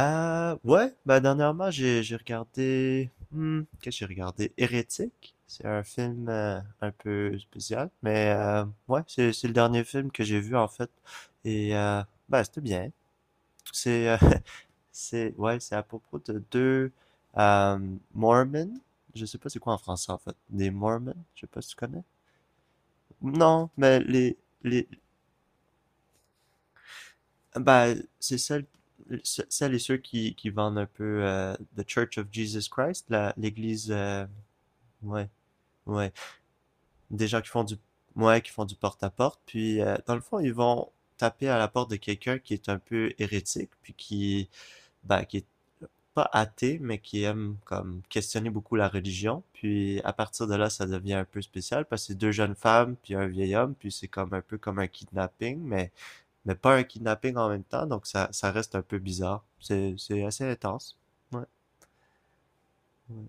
Ouais, bah dernièrement, j'ai regardé... Hmm, qu'est-ce que j'ai regardé? Hérétique? C'est un film un peu spécial, mais ouais, c'est le dernier film que j'ai vu en fait. Et bah c'était bien. C'est c'est ouais, c'est à propos de deux euh, Mormons. Je sais pas c'est quoi en français en fait. Des Mormons, je sais pas si tu connais. Non, mais les Bah, c'est celle, celles et ceux qui vendent un peu The Church of Jesus Christ, la, l'église, ouais, ouais, des gens qui font du, ouais, qui font du porte-à-porte, puis dans le fond, ils vont taper à la porte de quelqu'un qui est un peu hérétique, puis qui, bah, qui est pas athée, mais qui aime comme questionner beaucoup la religion, puis à partir de là, ça devient un peu spécial, parce que c'est deux jeunes femmes, puis un vieil homme, puis c'est comme un peu comme un kidnapping, mais pas un kidnapping en même temps, donc ça reste un peu bizarre. C'est assez intense. Ouais. Ouais.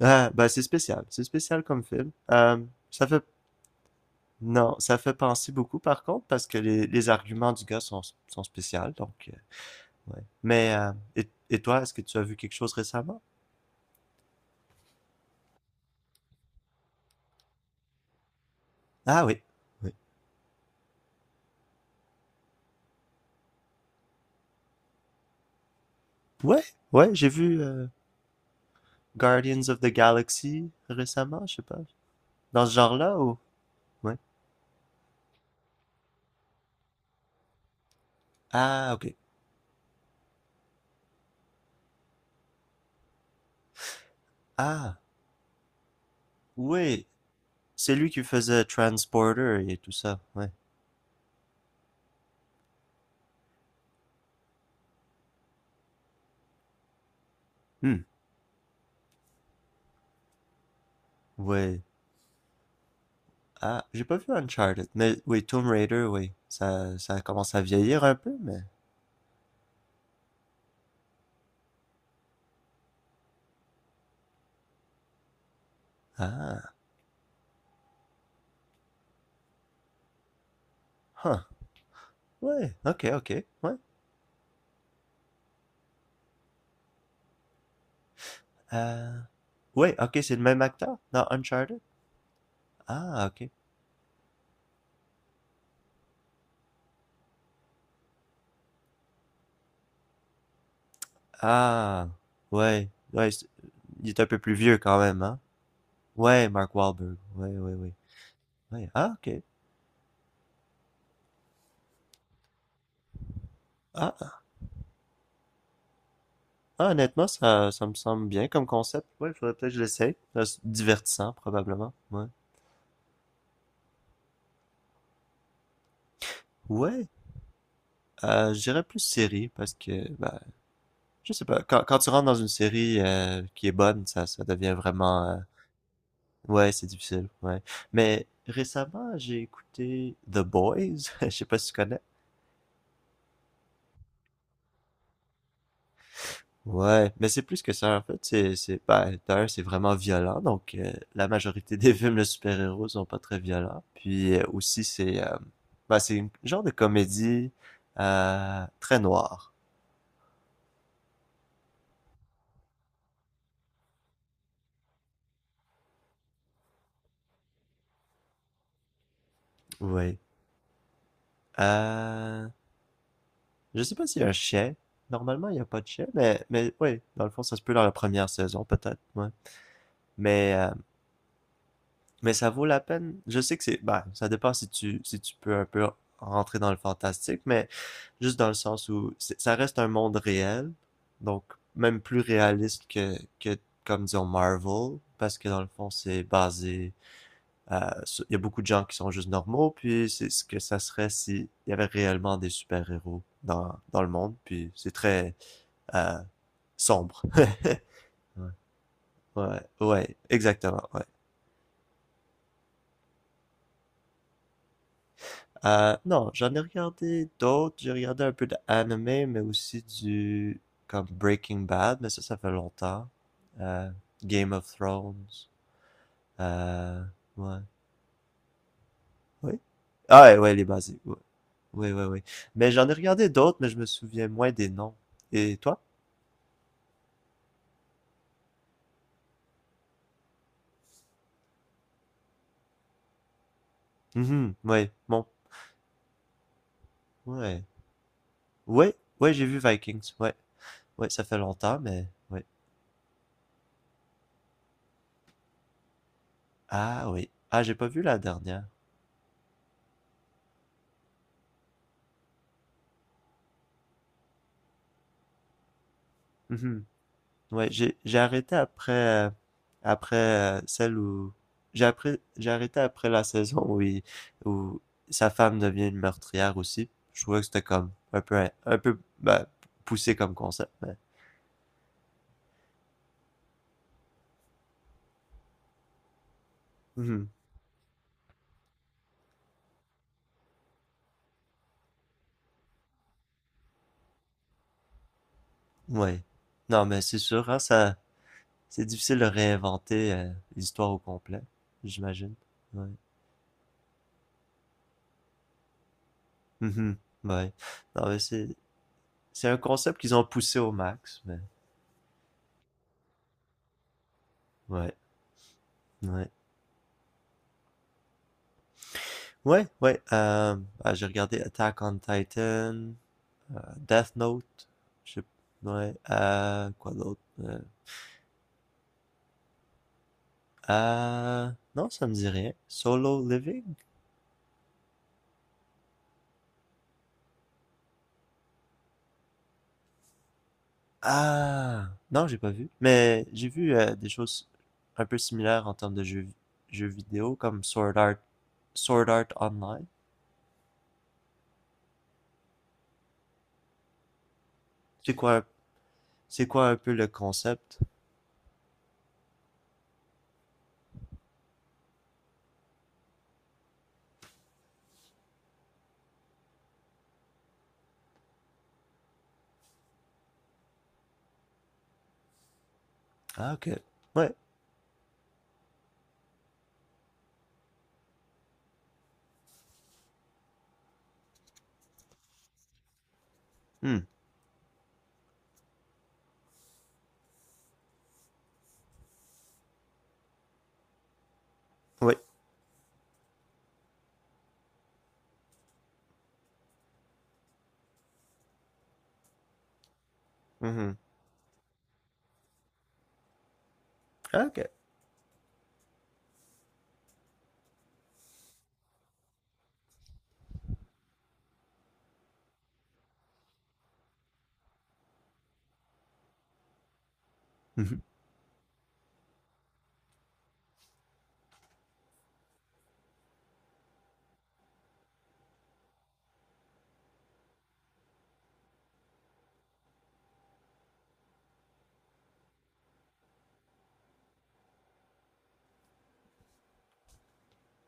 Ah, ben c'est spécial comme film. Ça fait, non, ça fait penser beaucoup par contre, parce que les arguments du gars sont, sont spéciaux, donc, ouais. Mais, et toi, est-ce que tu as vu quelque chose récemment? Ah oui, oui. Ouais, ouais, j'ai vu Guardians of the Galaxy récemment, je sais pas. Dans ce genre-là ou? Ouais. Ah, ok. Ah, oui, c'est lui qui faisait Transporter et tout ça, ouais. Hmm. Ouais. Ah, j'ai pas vu Uncharted, mais oui, Tomb Raider, oui. Ça commence à vieillir un peu, mais... Ah, huh. Ouais, ok, ok, ouais. Euh... Ouais, ok, c'est le même acteur dans Uncharted? Ah, ok. Ah, ouais, ouais, il est un peu plus vieux quand même, hein? Ouais, Mark Wahlberg, ouais, ouais, ouais. Ouais, ah, ok. Ah, ah, honnêtement, ça me semble bien comme concept. Ouais, il faudrait peut-être que je l'essaye. Ça, c'est divertissant, probablement. Ouais. Ouais. Je dirais plus série, parce que, ben, je sais pas. Quand, quand tu rentres dans une série qui est bonne, ça devient vraiment... Ouais, c'est difficile. Ouais. Mais récemment, j'ai écouté The Boys. Je sais pas si tu connais. Ouais, mais c'est plus que ça, en fait, c'est, ben, d'ailleurs, c'est vraiment violent, donc la majorité des films de super-héros sont pas très violents, puis aussi, c'est, ben, c'est une genre de comédie très noire. Oui. Euh, je sais pas s'il y a un chien, normalement, il y a pas de chien, mais oui, dans le fond, ça se peut dans la première saison, peut-être, ouais. Mais, mais ça vaut la peine. Je sais que c'est, bah, ça dépend si tu, si tu peux un peu rentrer dans le fantastique, mais juste dans le sens où ça reste un monde réel, donc même plus réaliste que comme disons Marvel, parce que dans le fond c'est basé, il y a beaucoup de gens qui sont juste normaux, puis c'est ce que ça serait s'il y avait réellement des super-héros dans, dans le monde, puis c'est très euh, sombre. Ouais, ouais, ouais, exactement, ouais. Non, j'en ai regardé d'autres. J'ai regardé un peu d'anime, mais aussi du comme Breaking Bad, mais ça fait longtemps. Euh, Game of Thrones. Euh, ouais. Oui. Ah ouais, ouais, les basiques. Ouais. Oui, oui, oui. Mais j'en ai regardé d'autres, mais je me souviens moins des noms. Et toi? Mhm, ouais, bon. Ouais. Ouais, ouais, j'ai vu Vikings. Ouais. Ouais, ça fait longtemps, mais ouais. Ah oui. Ah, j'ai pas vu la dernière. Mhm. Ouais, j'ai arrêté après après celle où j'ai après j'ai arrêté après la saison où où sa femme devient une meurtrière aussi. Je trouvais que c'était comme un peu ben, poussé comme concept, mais Mhm. Ouais. Non, mais c'est sûr, hein, ça c'est difficile de réinventer l'histoire au complet, j'imagine. Ouais. Mhm. Ouais. Non, mais c'est un concept qu'ils ont poussé au max, mais ouais. Ouais. Ouais, ouais. Ah, j'ai regardé Attack on Titan, Death Note. Je sais ouais. Quoi d'autre? Euh, non, ça me dit rien. Solo Living? Ah, non, j'ai pas vu. Mais j'ai vu des choses un peu similaires en termes de jeux, jeux vidéo, comme Sword Art, Sword Art Online. C'est quoi, c'est quoi un peu le concept? Ah, ok. Ouais. Hmm. Oui. Mhm. Ah, ok. Mhm.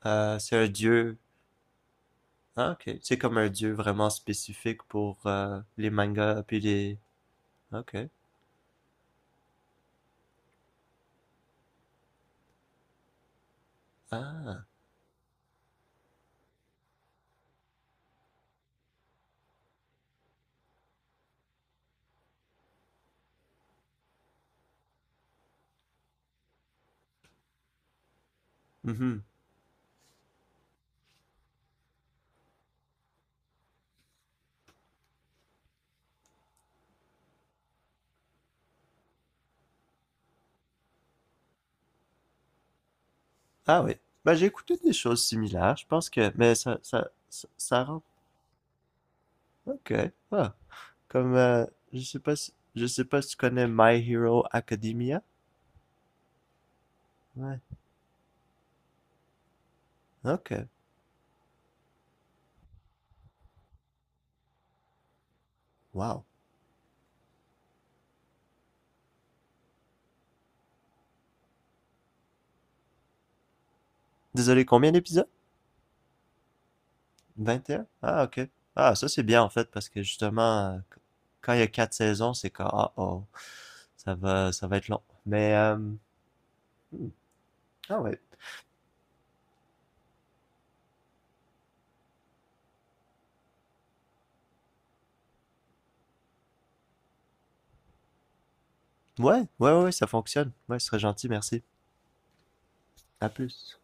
C'est un dieu ah, ok. C'est comme un dieu vraiment spécifique pour les mangas puis les. Ok. Ah. Mhm. Ah oui. Ben, j'ai écouté des choses similaires. Je pense que. Mais ça rend. Ok. Ah. Comme. Je sais pas si. Je sais pas si tu connais My Hero Academia. Ouais. Ok. Wow. Désolé, combien d'épisodes? 21. Ah, ok. Ah, ça c'est bien en fait parce que justement, quand il y a quatre saisons, c'est quand. Oh oh. Ça va être long. Mais. euh, hmm. Ah ouais. Ouais, ouais, ouais, ouais, ça fonctionne. Ouais, ce serait gentil, merci. À plus.